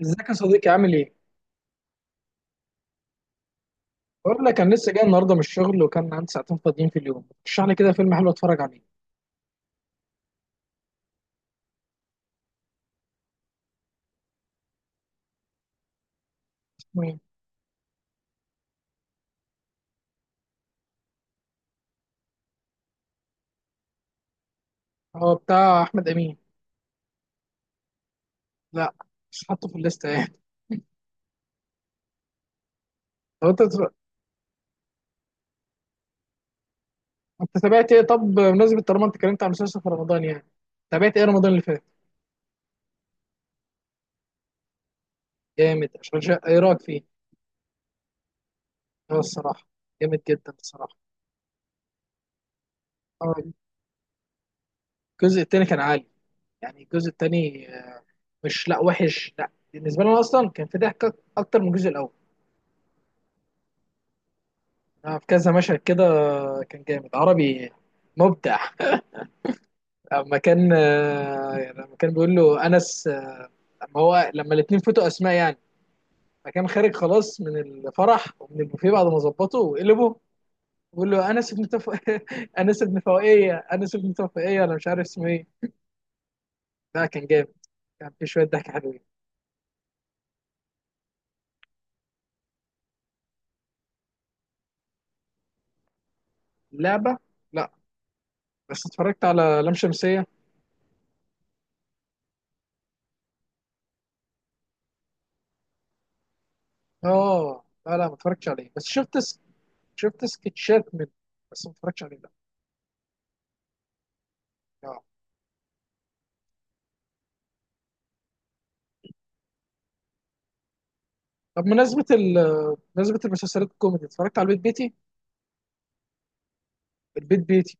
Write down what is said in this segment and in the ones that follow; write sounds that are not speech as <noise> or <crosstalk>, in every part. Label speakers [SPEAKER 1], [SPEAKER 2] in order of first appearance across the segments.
[SPEAKER 1] ازيك يا صديقي؟ عامل ايه؟ بقول لك انا لسه جاي النهارده من الشغل وكان عندي ساعتين فاضيين في اليوم، رشح لي كده فيلم حلو اتفرج عليه. اسمه ايه؟ هو بتاع احمد امين. لا، مش حاطه في الليسته يعني. هو انت تابعت ايه؟ طب بمناسبه طالما انت اتكلمت عن مسلسل في رمضان يعني، تابعت ايه رمضان اللي فات؟ جامد، اشغال شقه ايه رايك فيه؟ اه، الصراحه جامد جدا الصراحه. اه، الجزء التاني كان عالي، يعني الجزء التاني مش، لا وحش، لا بالنسبه لنا اصلا كان في ضحك اكتر من الجزء الاول. في كذا مشهد كده كان جامد. عربي مبدع. لما كان يعني لما كان بيقول له انس لما هو لما الاثنين فوتوا اسماء يعني فكان خارج خلاص من الفرح ومن البوفيه بعد ما ظبطه وقلبه بيقول له انس ابن <laughs> انس ابن فوقيه، انس ابن تفوقيه، انا مش عارف اسمه ايه. لا كان جامد، كان في شويه ضحك حلوين. اللعبه، لا. بس اتفرجت على لام شمسيه. اه لا لا، ما اتفرجتش عليه، بس شفت شفت سكتشات منه، بس ما اتفرجتش عليه، لا. آه. طب بمناسبة بمناسبة المسلسلات الكوميدي، اتفرجت على البيت بيتي؟ البيت بيتي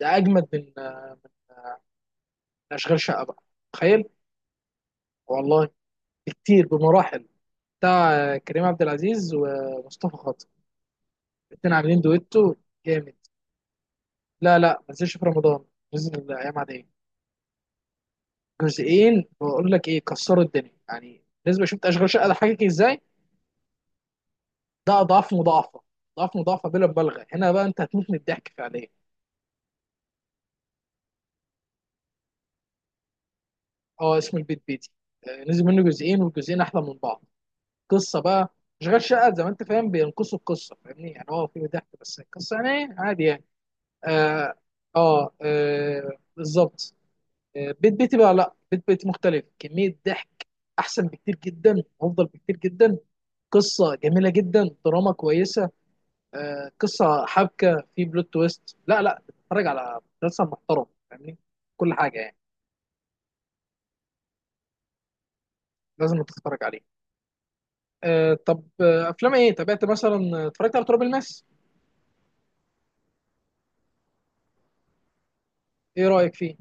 [SPEAKER 1] ده اجمد من اشغال شقه بقى، تخيل. والله كتير بمراحل. بتاع كريم عبد العزيز ومصطفى خاطر، الاتنين عاملين دويتو جامد. لا لا، ما نزلش في رمضان، نزل الايام عاديه. جزئين بقول لك ايه، كسروا الدنيا يعني. بالنسبه، شفت اشغال شقه ده حقيقي ازاي؟ ده اضعاف مضاعفه، اضعاف مضاعفه بلا مبالغه. هنا بقى انت هتموت من الضحك فعليا. اه، اسم البيت بيتي. آه، نزل منه جزئين والجزئين احلى من بعض. قصه بقى، اشغال شقه زي ما انت فاهم بينقصوا القصه، فاهمني؟ يعني هو في ضحك بس القصه يعني إيه؟ عادي يعني. اه. اه, بالظبط. آه، بيت بيتي بقى، لا بيت بيتي مختلف، كميه ضحك احسن بكتير جدا، افضل بكتير جدا. قصه جميله جدا، دراما كويسه، آه قصه، حبكه، في بلوت تويست. لا لا، تتفرج على مسلسل محترم، فاهمني؟ كل حاجه يعني. لازم تتفرج عليه. آه. طب افلام ايه تابعت مثلا؟ اتفرجت على تراب الماس. ايه رايك فيه؟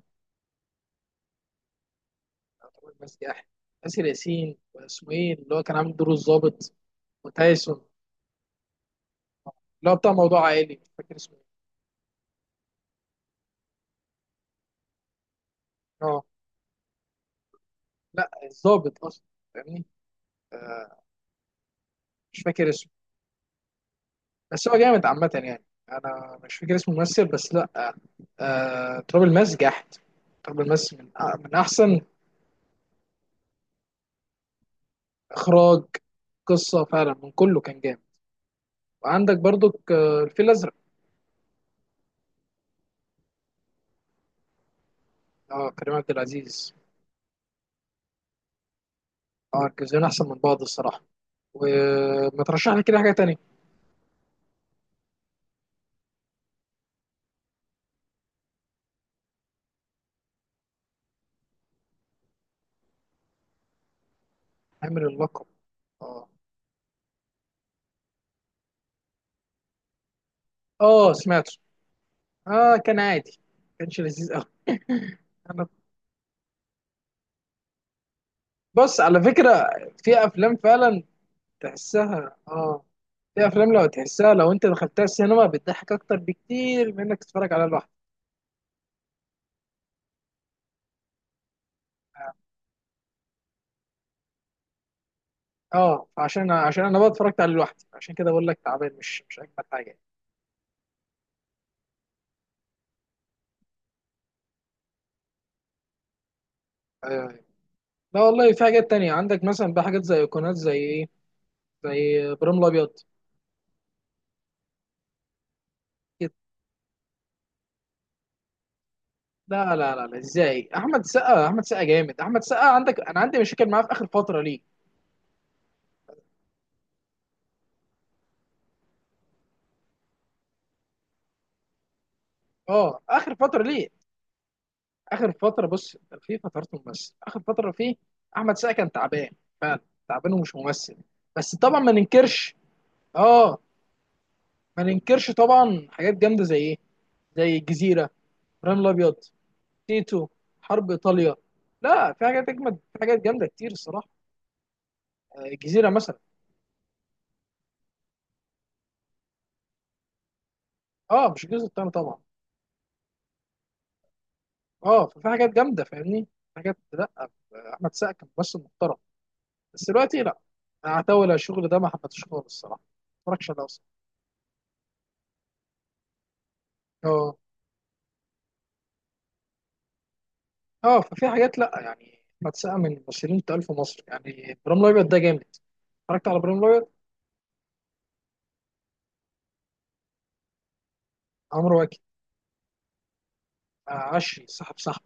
[SPEAKER 1] يعتبر ميسي احلى. ياسر ياسين، واسمه ايه اللي هو كان عامل دور الضابط؟ وتايسون، اللي هو بتاع موضوع عائلي، مش فاكر اسمه ايه. اه لا، الضابط اصلا، فاهمني؟ آه، مش فاكر اسمه، بس هو جامد عامة يعني. أنا مش فاكر اسمه ممثل بس، لأ. تراب الماس جحد. تراب الماس من من أحسن إخراج، قصة، فعلا من كله كان جامد. وعندك برضك الفيل الأزرق. أه، كريم عبد العزيز. أه، الجزئين أحسن من بعض الصراحة. وما ترشح لي كده حاجة تانية؟ عامل اللقب، اه اه سمعته. اه كان عادي، كانش لذيذ قوي. <coughs> <laughs> انا، بص على فكره، في افلام فعلا تحسها، اه في افلام لو تحسها، لو انت دخلتها السينما بتضحك اكتر بكتير من انك تتفرج عليها لوحدك. اه، عشان انا بقى اتفرجت عليه لوحدي، عشان كده بقول لك تعبان، مش اجمد حاجه. آه. لا والله في حاجات تانية عندك مثلا بقى، حاجات زي ايقونات، زي ايه؟ زي ابراهيم الابيض كده. لا لا لا لا، ازاي؟ احمد سقا، احمد سقا جامد. احمد سقا عندك، انا عندي مشاكل معاه في اخر فتره ليه. اه، اخر فتره ليه. اخر فتره بص، في فترات ممثل اخر فتره فيه احمد سقا كان تعبان فعلا، تعبان ومش ممثل. بس طبعا ما ننكرش. اه، ما ننكرش طبعا حاجات جامده، زي ايه؟ زي الجزيره، ابراهيم الابيض، تيتو، حرب ايطاليا. لا، في حاجات اجمد، في حاجات جامده كتير الصراحه. آه، الجزيره مثلا. اه، مش الجزء الثاني طبعا. اه ففي حاجات جامده، فاهمني؟ حاجات، لا احمد سقا كان ممثل محترم، بس دلوقتي لا. اعتول، على الشغل ده ما حبيتهوش خالص الصراحه، ما اتفرجش عليه أصلاً. اه. اه ففي حاجات، لا يعني بتسقى من الممثلين التقال في مصر يعني. ابراهيم الابيض ده جامد، اتفرجت على ابراهيم الابيض. عمرو واكد، عشري صاحب صاحبه.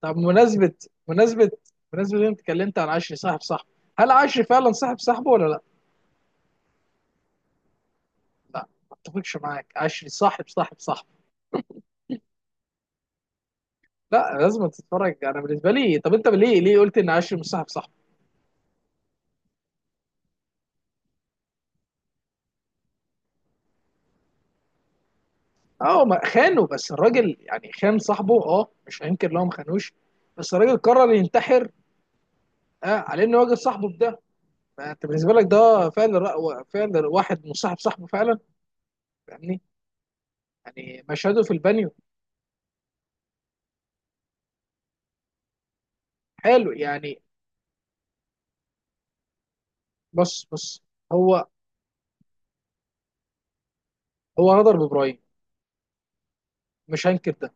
[SPEAKER 1] طب مناسبة، مناسبة مناسبة إن انت اتكلمت عن عشري صاحب صاحبه، هل عشري فعلا صاحب صاحبه ولا لا؟ لا ما اتفقش معاك، عشري صاحب صاحبه، لا لازم تتفرج. انا بالنسبه لي، طب انت ليه، قلت ان عشري مش صاحب صاحبه؟ اه ما خانه، بس الراجل يعني خان صاحبه، اه مش هينكر لو ما خانوش. بس الراجل قرر ينتحر، آه على انه واجه صاحبه. فانت بالنسبه لك ده فعلا، فعلا واحد مصاحب صاحبه فعلا، فاهمني؟ يعني مشهده في البانيو حلو يعني. بص بص، هو هو غدر بابراهيم، مش هنكر ده.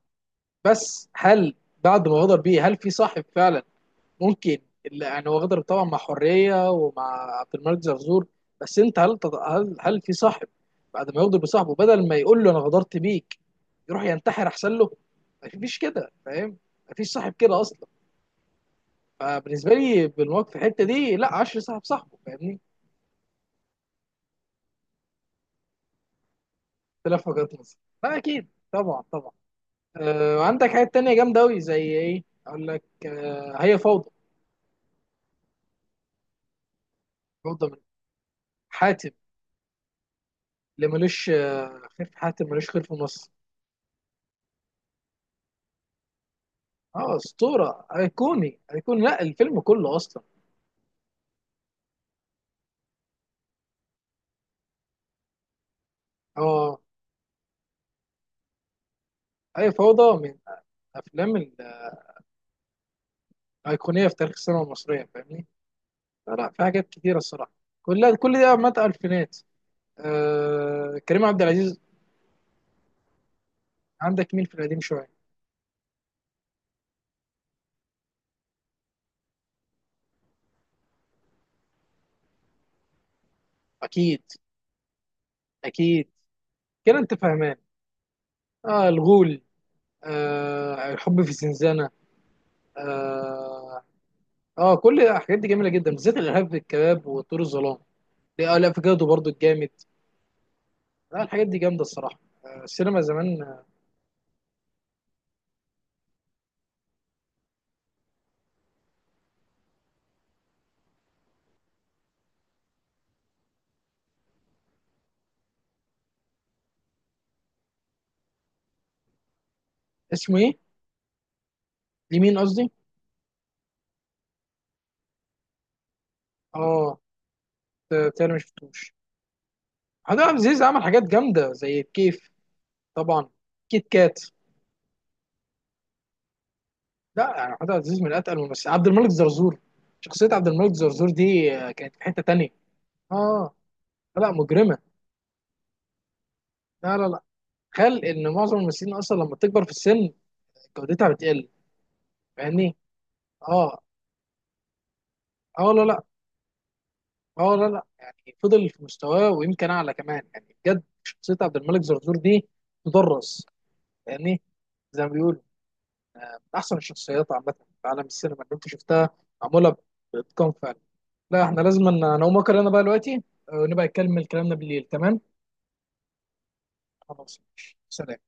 [SPEAKER 1] بس هل بعد ما غدر بيه هل في صاحب فعلا؟ ممكن، اللي يعني هو غدر طبعا مع حريه ومع عبد الملك زرزور، بس انت هل هل في صاحب بعد ما يغدر بصاحبه بدل ما يقول له انا غدرت بيك يروح ينتحر احسن له؟ مفيش كده، فاهم؟ مفيش صاحب كده اصلا. فبالنسبه لي، بالمواقف في الحته دي، لا 10 صاحب صاحبه، فاهمني؟ اختلاف وجهات نظر، لا اكيد طبعا طبعا. آه، وعندك حاجات تانية جامده قوي، زي ايه؟ اقول لك، آه هي فوضى. فوضى من حاتم، اللي ملوش خير في حاتم ملوش خير في مصر. اه، اسطوره، ايقوني ايقوني، لا الفيلم كله اصلا. اه، هي فوضى من الافلام الايقونيه في تاريخ السينما المصريه، فاهمني؟ لا لا، في حاجات كتيره الصراحه، كلها. كل ده مات الفينات. آه كريم عبد العزيز. عندك مين في القديم شويه؟ اكيد، اكيد كده انت فاهمان. اه، الغول، آه الحب في زنزانه. اه، اه كل الحاجات دي جميله جدا، بالذات الارهاب في الكباب وطيور الظلام. لا آه لا، افوكادو برضو الجامد. لا الحاجات دي جامده الصراحه. آه، السينما زمان. اسمه ايه؟ لمين قصدي؟ اه. تاني، ما شفتوش. محمود عبد العزيز عمل حاجات جامده زي كيف طبعا، كيت كات. لا يعني محمود عبد العزيز من اتقل الممثلين. عبد الملك زرزور، شخصيه عبد الملك زرزور دي كانت في حته تانيه. اه. لا مجرمه، لا لا. خل ان معظم الممثلين اصلا لما بتكبر في السن جودتها بتقل، فاهمني؟ اه، اه لا لا، اه لا لا، يعني فضل في مستواه ويمكن اعلى كمان يعني بجد. شخصيه عبد الملك زرزور دي تدرس، فاهمني؟ زي ما بيقولوا من احسن الشخصيات عامه في عالم السينما اللي انت شفتها، معموله باتقان فعلا. لا احنا لازم نقوم اكل انا بقى دلوقتي، ونبقى نكمل كلامنا بالليل، تمام؟ خلاص ماشي. سلام.